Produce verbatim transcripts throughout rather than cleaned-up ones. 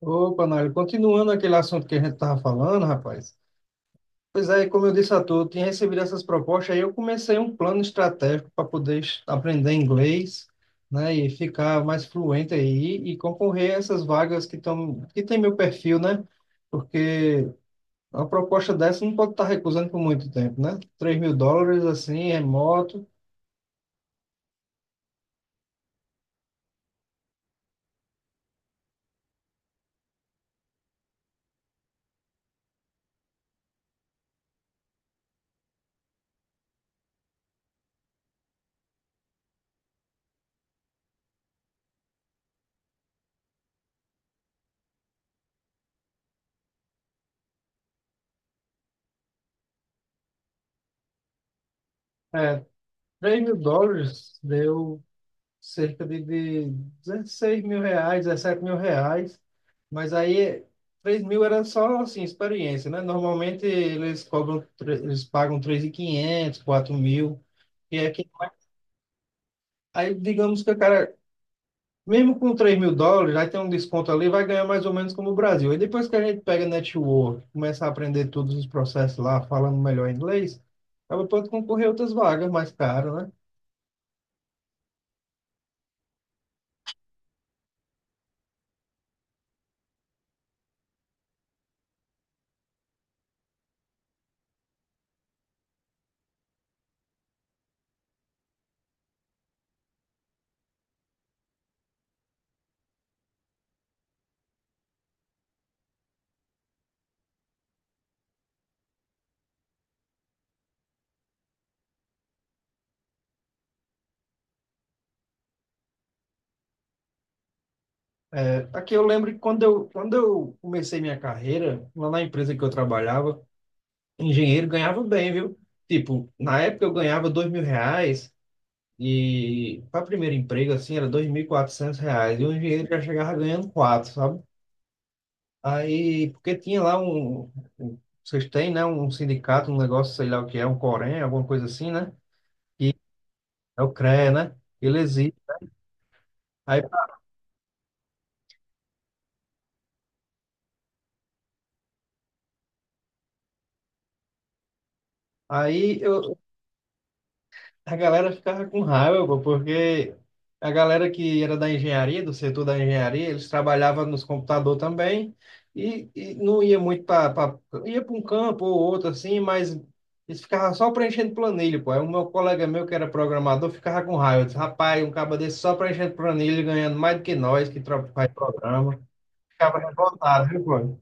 Opa, Nário, continuando aquele assunto que a gente estava falando, rapaz. Pois é, como eu disse a tu, eu tinha recebido essas propostas, aí eu comecei um plano estratégico para poder es- aprender inglês, né, e ficar mais fluente aí e concorrer a essas vagas que estão, que tem meu perfil, né? Porque uma proposta dessa não pode estar recusando por muito tempo, né? Três mil dólares, assim, remoto. É, três mil dólares deu cerca de, de 16 mil reais, 17 mil reais, mas aí três mil era só assim, experiência, né? Normalmente eles cobram, tre- eles pagam três mil e quinhentos, quatro mil, e é que- aí digamos que o cara, mesmo com três mil dólares, aí tem um desconto ali, vai ganhar mais ou menos como o Brasil. Aí depois que a gente pega network, começa a aprender todos os processos lá, falando melhor inglês, aí pode concorrer a outras vagas mais caras, né? É, aqui eu lembro que quando eu, quando eu comecei minha carreira, lá na empresa que eu trabalhava, engenheiro ganhava bem, viu? Tipo, na época eu ganhava dois mil reais e para primeiro emprego, assim, era dois mil e quatrocentos reais. E o engenheiro já chegava ganhando quatro, sabe? Aí, porque tinha lá um, um- vocês têm, né, um sindicato, um negócio, sei lá o que é, um Corém, alguma coisa assim, né? É o CREA, né? Ele existe. Aí, aí eu, a galera ficava com raiva, pô, porque a galera que era da engenharia, do setor da engenharia, eles trabalhavam nos computadores também e, e não ia muito para... Ia para um campo ou outro, assim, mas eles ficavam só preenchendo planilha, pô. Aí o meu colega meu, que era programador, ficava com raiva. Eu disse, rapaz, um cabo desse só preenchendo planilha, ganhando mais do que nós, que tro- faz programa. Ficava revoltado, viu, pô?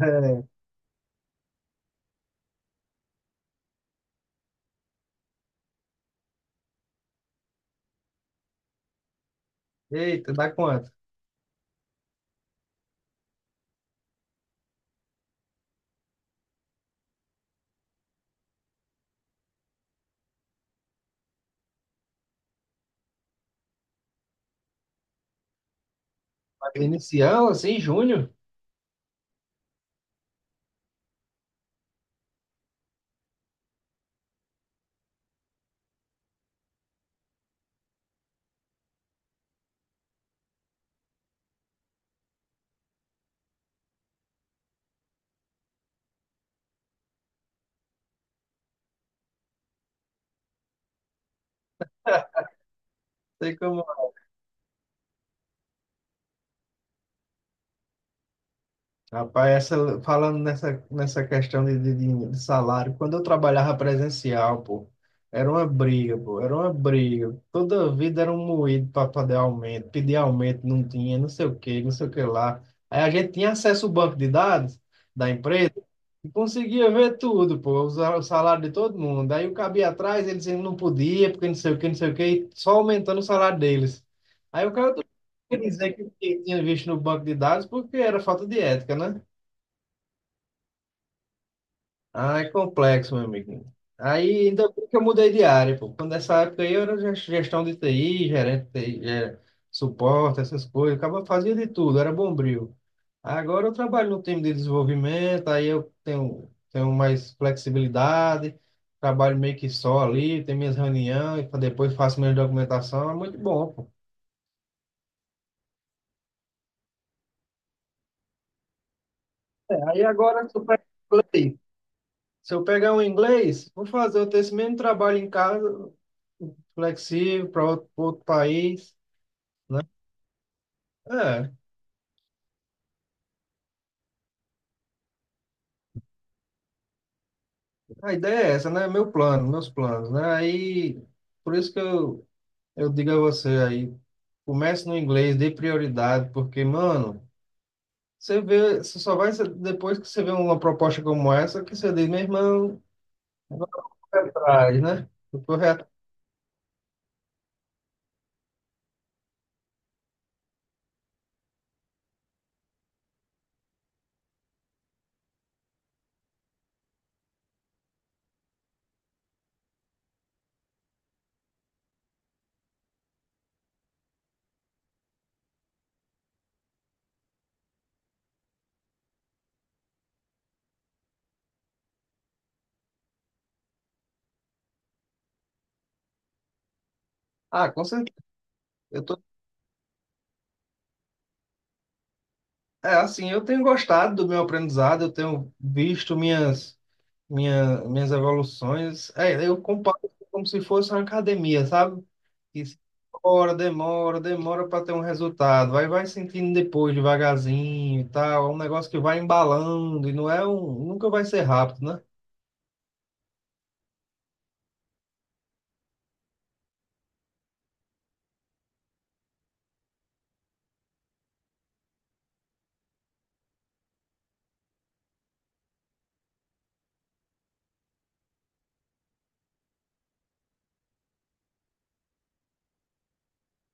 É. Eita, dá quanto? Inicial, assim, junho? Sei como. Rapaz, essa, falando nessa, nessa questão de, de, de- de salário, quando eu trabalhava presencial, pô, era uma briga, pô, era uma briga. Toda vida era um moído para poder aumento, pedir aumento, não tinha, não sei o que, não sei o que lá. Aí a gente tinha acesso ao banco de dados da empresa e conseguia ver tudo, pô, o sa- o salário de todo mundo. Aí o cabia atrás, eles dizendo não podia, porque não sei o que, não sei o que, e só aumentando o salário deles. Aí o cara queria dizer que tinha visto no banco de dados porque era falta de ética, né? Ah, é complexo, meu amigo. Aí, ainda bem que eu mudei de área, pô. Quando nessa época aí, eu era ges- gestão de T I, gerente de T I, é, suporte, essas coisas. Acaba fazia de tudo, era bombril. Agora eu trabalho no time de desenvolvimento, aí eu tenho, tenho mais flexibilidade, trabalho meio que só ali, tenho minhas reuniões, pra depois faço minha documentação, é muito bom, pô. É, aí agora, se eu pegar inglês, se eu pegar um inglês, vou fazer eu ter esse mesmo trabalho em casa, flexível para outro, pra outro país, né? É, a ideia é essa, né? Meu plano, meus planos, né? Aí, por isso que eu, eu digo a você aí, comece no inglês, dê prioridade, porque, mano, você vê, você só vai, se- depois que você vê uma proposta como essa, que você diz, meu irmão, agora eu vou correr atrás, né? Eu Vou correr at- Ah, com certeza. Eu tô, é assim, eu tenho gostado do meu aprendizado, eu tenho visto minhas minha, minhas evoluções. É, eu comparo como se fosse uma academia, sabe? Que se demora, demora, demora para ter um resultado. Aí vai sentindo depois, devagarzinho e tal. É um negócio que vai embalando e não é um, nunca vai ser rápido, né?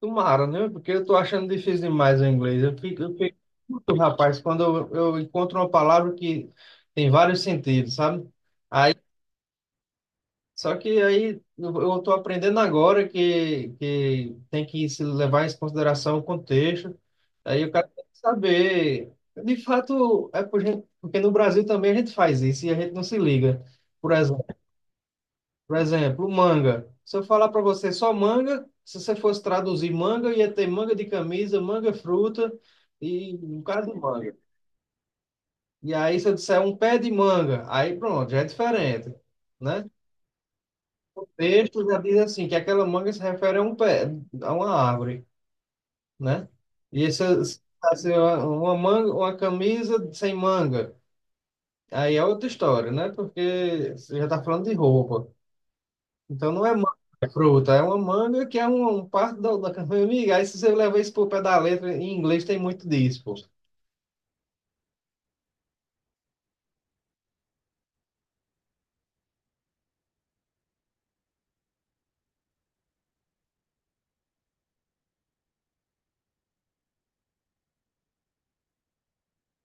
Tomara, né? Porque eu tô achando difícil demais o inglês. Eu fico, eu fico muito, rapaz, quando eu, eu encontro uma palavra que tem vários sentidos, sabe? Só que aí eu eu tô aprendendo agora que, que tem que se levar em consideração o contexto. Aí o cara tem que saber. De fato, é por gente- porque no Brasil também a gente faz isso e a gente não se liga. Por exemplo, por exemplo, manga. Se eu falar para você só manga, se você fosse traduzir manga, ia ter manga de camisa, manga fruta e um cara de manga. E aí, se eu disser um pé de manga, aí pronto, já é diferente, né? Texto já diz assim, que aquela manga se refere a um pé, a uma árvore, né? E essa assim, uma uma manga, uma camisa sem manga, aí é outra história, né? Porque você já está falando de roupa. Então não é manga, é fruta, é uma manga que é um, um parte da, da camisa. Amiga, aí se você levar isso pro pé da letra, em inglês tem muito disso, pô.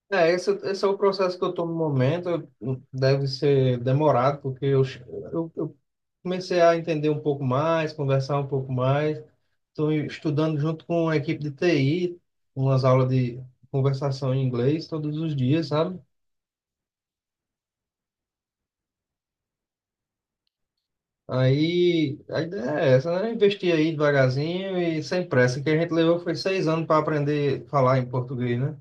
É, esse, esse é o processo que eu estou no momento. eu- Deve ser demorado, porque eu, che- eu, eu comecei a entender um pouco mais, conversar um pouco mais. Estou estudando junto com a equipe de T I, umas aulas de conversação em inglês todos os dias, sabe? Aí a ideia é essa, né? Investir aí devagarzinho e sem pressa. O que a gente levou foi seis anos para aprender a falar em português, né?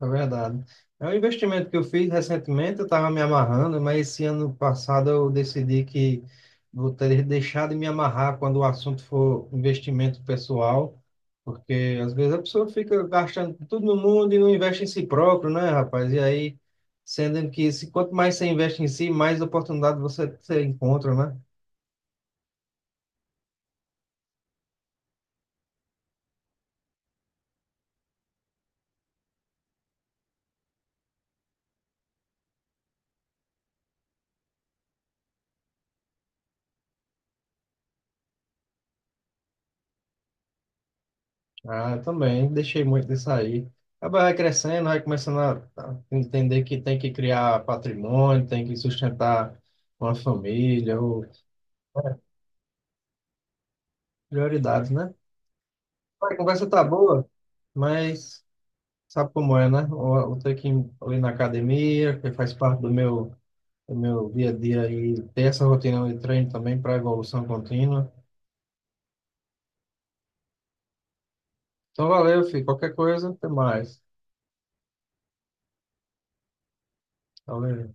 É verdade. É um investimento que eu fiz recentemente, eu estava me amarrando, mas esse ano passado eu decidi que vou ter deixado de me amarrar quando o assunto for investimento pessoal, porque às vezes a pessoa fica gastando tudo no mundo e não investe em si próprio, né, rapaz? E aí, sendo que se, quanto mais você investe em si, mais oportunidade você, você encontra, né? Ah, eu também, deixei muito disso aí. Acaba vai crescendo, vai começando a a entender que tem que criar patrimônio, tem que sustentar uma família, ou prioridades, né? A conversa tá boa, mas sabe como é, né? Eu, eu tenho que ir ali na academia, que faz parte do meu, do meu dia a dia, e ter essa rotina de treino também para evolução contínua. Então, valeu, filho. Qualquer coisa, até mais. Valeu.